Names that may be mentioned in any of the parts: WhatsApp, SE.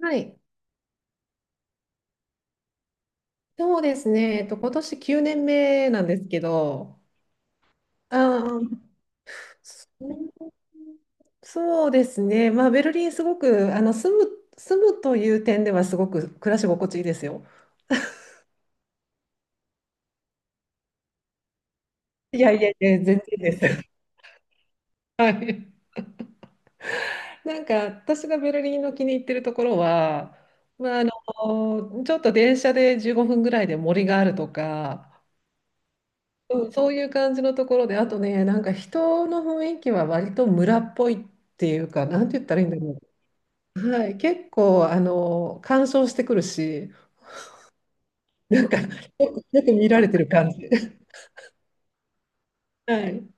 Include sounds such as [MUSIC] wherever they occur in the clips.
はい。そうですね。今年9年目なんですけど、あー、[LAUGHS] そうそうですね。まあ、ベルリンすごく、住むという点ではすごく暮らし心地いいですよ。[LAUGHS] いやいやいや、全然です。[LAUGHS] なんか私がベルリンの気に入ってるところは、まあ、あのちょっと電車で15分ぐらいで森があるとか、うん、そういう感じのところで、あとね、なんか人の雰囲気は割と村っぽいっていうか、なんて言ったらいいんだろう。はい、結構、干渉してくるし、なんか、よくよく見られてる感じ。はい。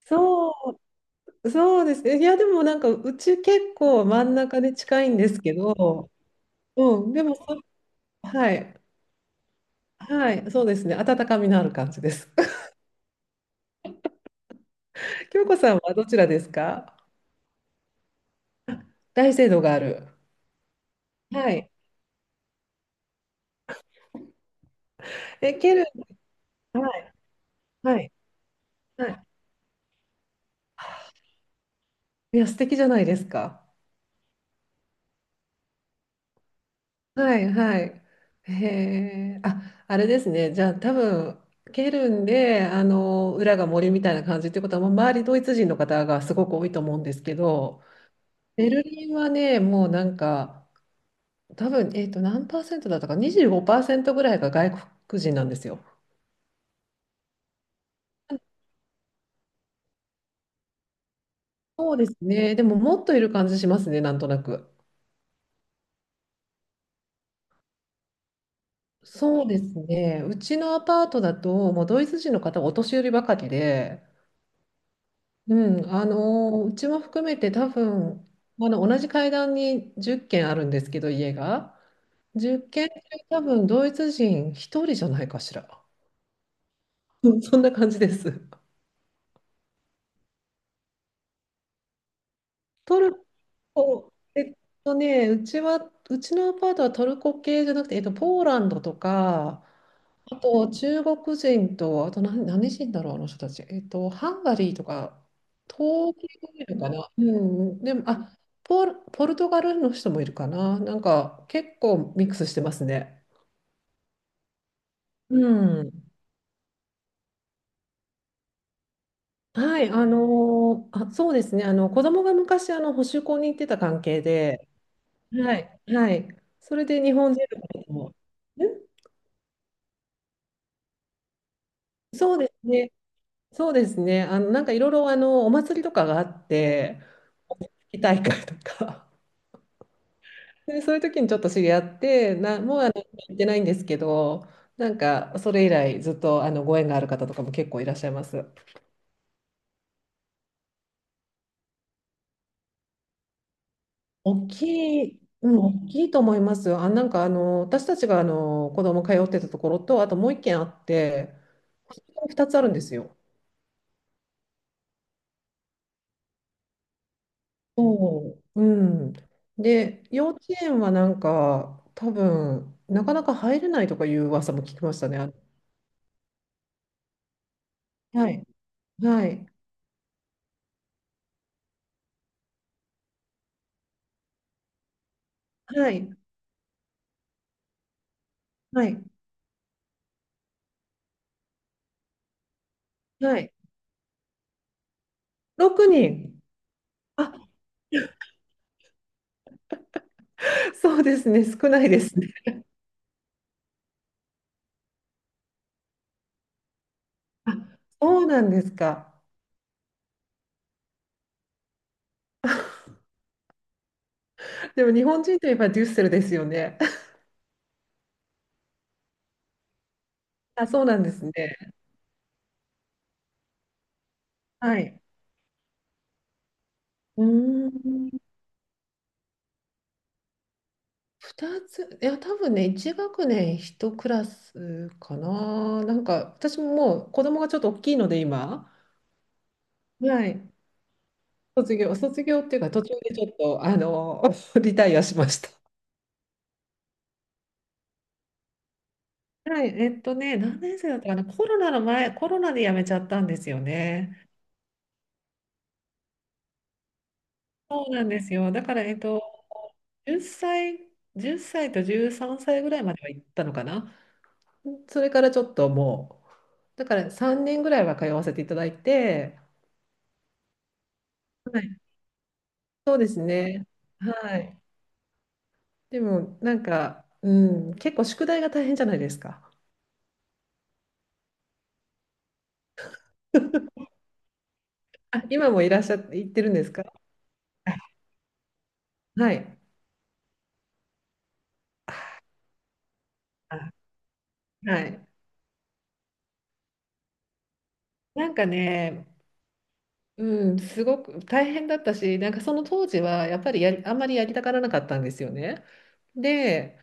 そう、そうですね。いや、でもなんか、うち結構真ん中で近いんですけど、うん、でも、そはい、はい、そうですね。温かみのある感じです。[LAUGHS] 京子さんはどちらですか？大聖堂がある。はい。え、ケルン、はい、はい。はい。いや、素敵じゃないですか。はいはい。へえ。あ、あれですね。じゃあ多分、ケルンで、裏が森みたいな感じってことは、もう周りドイツ人の方がすごく多いと思うんですけど、ベルリンはね、もうなんか、多分、何パーセントだったか、25%ぐらいが外国人なんですよ。そうですね。でも、もっといる感じしますね、なんとなく。そうですね。うちのアパートだと、もうドイツ人の方はお年寄りばかりで、うん、うちも含めて多分同じ階段に10軒あるんですけど、家が10軒中多分ドイツ人1人じゃないかしら。うん。 [LAUGHS] そんな感じです。トルコうちのアパートはトルコ系じゃなくて、ポーランドとか、あと、中国人と、あと何人だろう、あの人たち。ハンガリーとか、東京もいるかな。うん、でも、あ、ポルトガルの人もいるかな。なんか、結構ミックスしてますね。うん。はい、そうですね。子供が昔、保守校に行ってた関係で、はい、はい。それで日本人の方も。ん。そうですね。そうですね。なんかいろいろ、お祭りとかがあって、お祭り大会とか。で、そういう時にちょっと知り合って、もう行ってないんですけど、なんか、それ以来ずっとあのご縁がある方とかも結構いらっしゃいます。大きい、うん、大きいと思いますよ。あ、私たちが子供通ってたところと、あともう一軒あって、2つあるんですよ。そう。うん。で、幼稚園はなんか、なかなか入れないとかいう噂も聞きましたね。あのはい。はい。はい。はい。はい。6人。ろくにん。あ、そうですね、少ないですね。あ、そうなんですか。でも日本人といえばデュッセルですよね。[LAUGHS] あ、そうなんですね。はい。うーん、2つ、いや、多分ね、1学年1クラスかな。なんか、私ももう子供がちょっと大きいので、今、はい、卒業っていうか、途中でちょっと、[LAUGHS] リタイアしました。はい、何年生だったかな、コロナの前、コロナで辞めちゃったんですよね。そうなんですよ。だから、10歳、1歳と13歳ぐらいまでは行ったのかな。それからちょっともう、だから3年ぐらいは通わせていただいて、はい。はい。でも、なんか、うん、結構宿題が大変じゃないですか。あ、今もいらっしゃって、行ってるんですか？はい。あはい。なんかね、うん、すごく大変だったし、なんかその当時はやっぱりあんまりやりたがらなかったんですよね。で、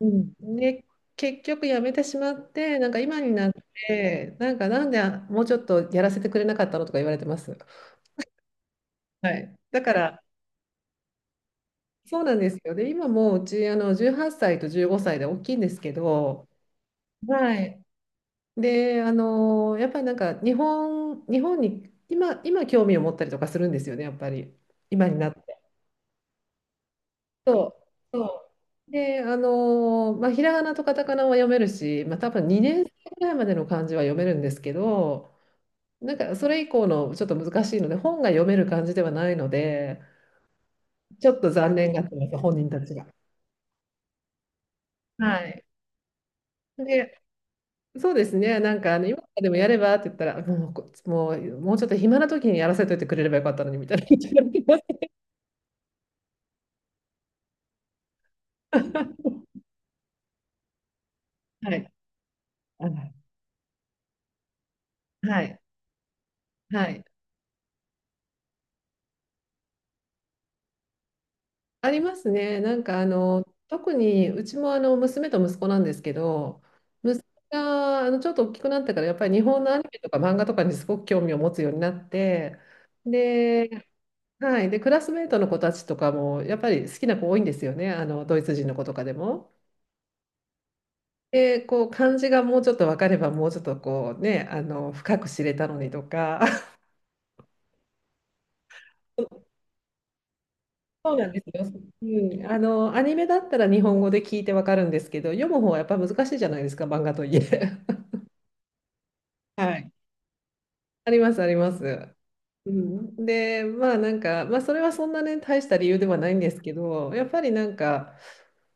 うん、で結局やめてしまって、なんか今になってなんか、なんであもうちょっとやらせてくれなかったのとか言われてます。はい、だから、そうなんですよ。で今もううちあの18歳と15歳で大きいんですけど、はい、であのやっぱりなんか日本に今興味を持ったりとかするんですよね、やっぱり今になって。そそうで、あのまあ、ひらがなとカタカナは読めるし、まあ、多分2年生ぐらいまでの漢字は読めるんですけど、なんかそれ以降のちょっと難しいので、本が読める感じではないので、ちょっと残念がってます、本人たちが。はい。で、そうですね、今からでもやればって言ったら、もうこ、もう、もうちょっと暇な時にやらせといてくれればよかったのにみたいな感じになります。[LAUGHS] はい。[LAUGHS] あのはい。はい。ありますね。特にうちもあの娘と息子なんですけど、息子があのちょっと大きくなってからやっぱり日本のアニメとか漫画とかにすごく興味を持つようになって、で、はい。で、クラスメートの子たちとかも、やっぱり好きな子多いんですよね。ドイツ人の子とかでも。で、こう、漢字がもうちょっと分かれば、もうちょっとこうね、深く知れたのにとか。[LAUGHS] そうなんですよ。うん。あの、アニメだったら日本語で聞いて分かるんですけど、読む方はやっぱ難しいじゃないですか、漫画といえ。[LAUGHS] はい。あります、あります。うん、で、まあなんか、まあそれはそんなね、大した理由ではないんですけど、やっぱりなんか、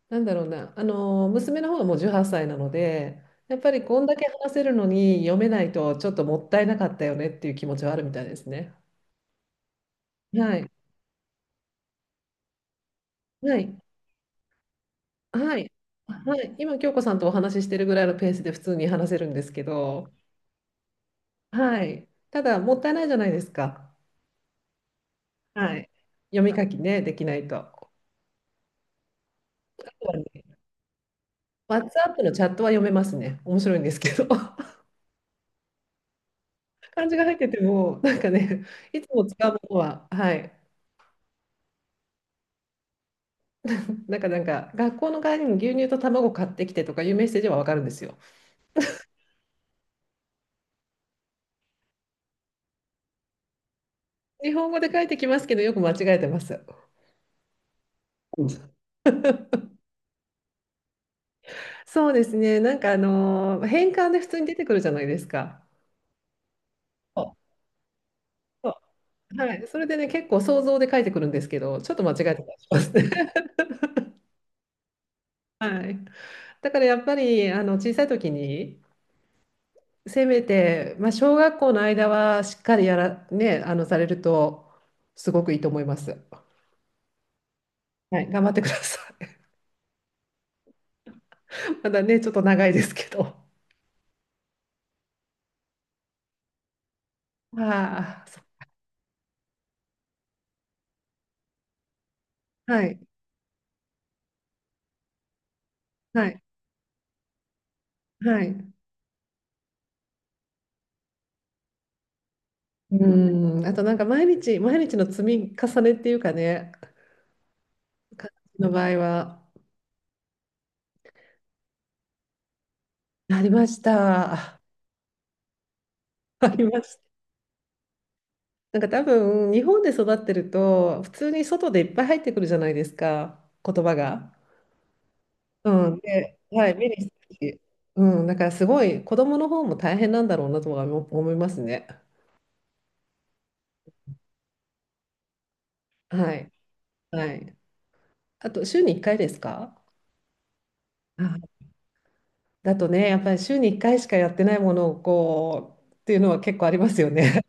なんだろうな、あの、娘の方がもう18歳なので、やっぱりこんだけ話せるのに読めないとちょっともったいなかったよねっていう気持ちはあるみたいですね。はい。はい。はい。はい。今、京子さんとお話ししてるぐらいのペースで普通に話せるんですけど、はい。ただ、もったいないじゃないですか。はい。読み書きね、できないと。あとはね、WhatsApp のチャットは読めますね。面白いんですけど。[LAUGHS] 漢字が入ってても、なんかね、いつも使うものは、はい、なんか、学校の帰りに牛乳と卵買ってきてとかいうメッセージはわかるんですよ。日本語で書いてきますけど、よく間違えてます。うん。そうですね。なんか、変換で普通に出てくるじゃないですか。そうはい。それでね、結構想像で書いてくるんですけど、ちょっと間違えてたりしますね。[LAUGHS] はい。だからやっぱり、小さい時に、せめて、まあ、小学校の間はしっかりやら、ね、あの、されると、すごくいいと思います。はい。頑張ってください。[LAUGHS] まだね、ちょっと長いですけど。ああ、そはい、はい、はい。うん、あとなんか毎日の積み重ねっていうかね、感じの場合は、ありました。[LAUGHS] ありました。なんか多分、日本で育ってると、普通に外でいっぱい入ってくるじゃないですか、言葉が。うん、で、はい、目にしたし、うん、だからすごい、子供の方も大変なんだろうなとは思いますね。はい、はい。あと、週に1回ですか？あ、だとね、やっぱり週に1回しかやってないものをこうっていうのは結構ありますよね。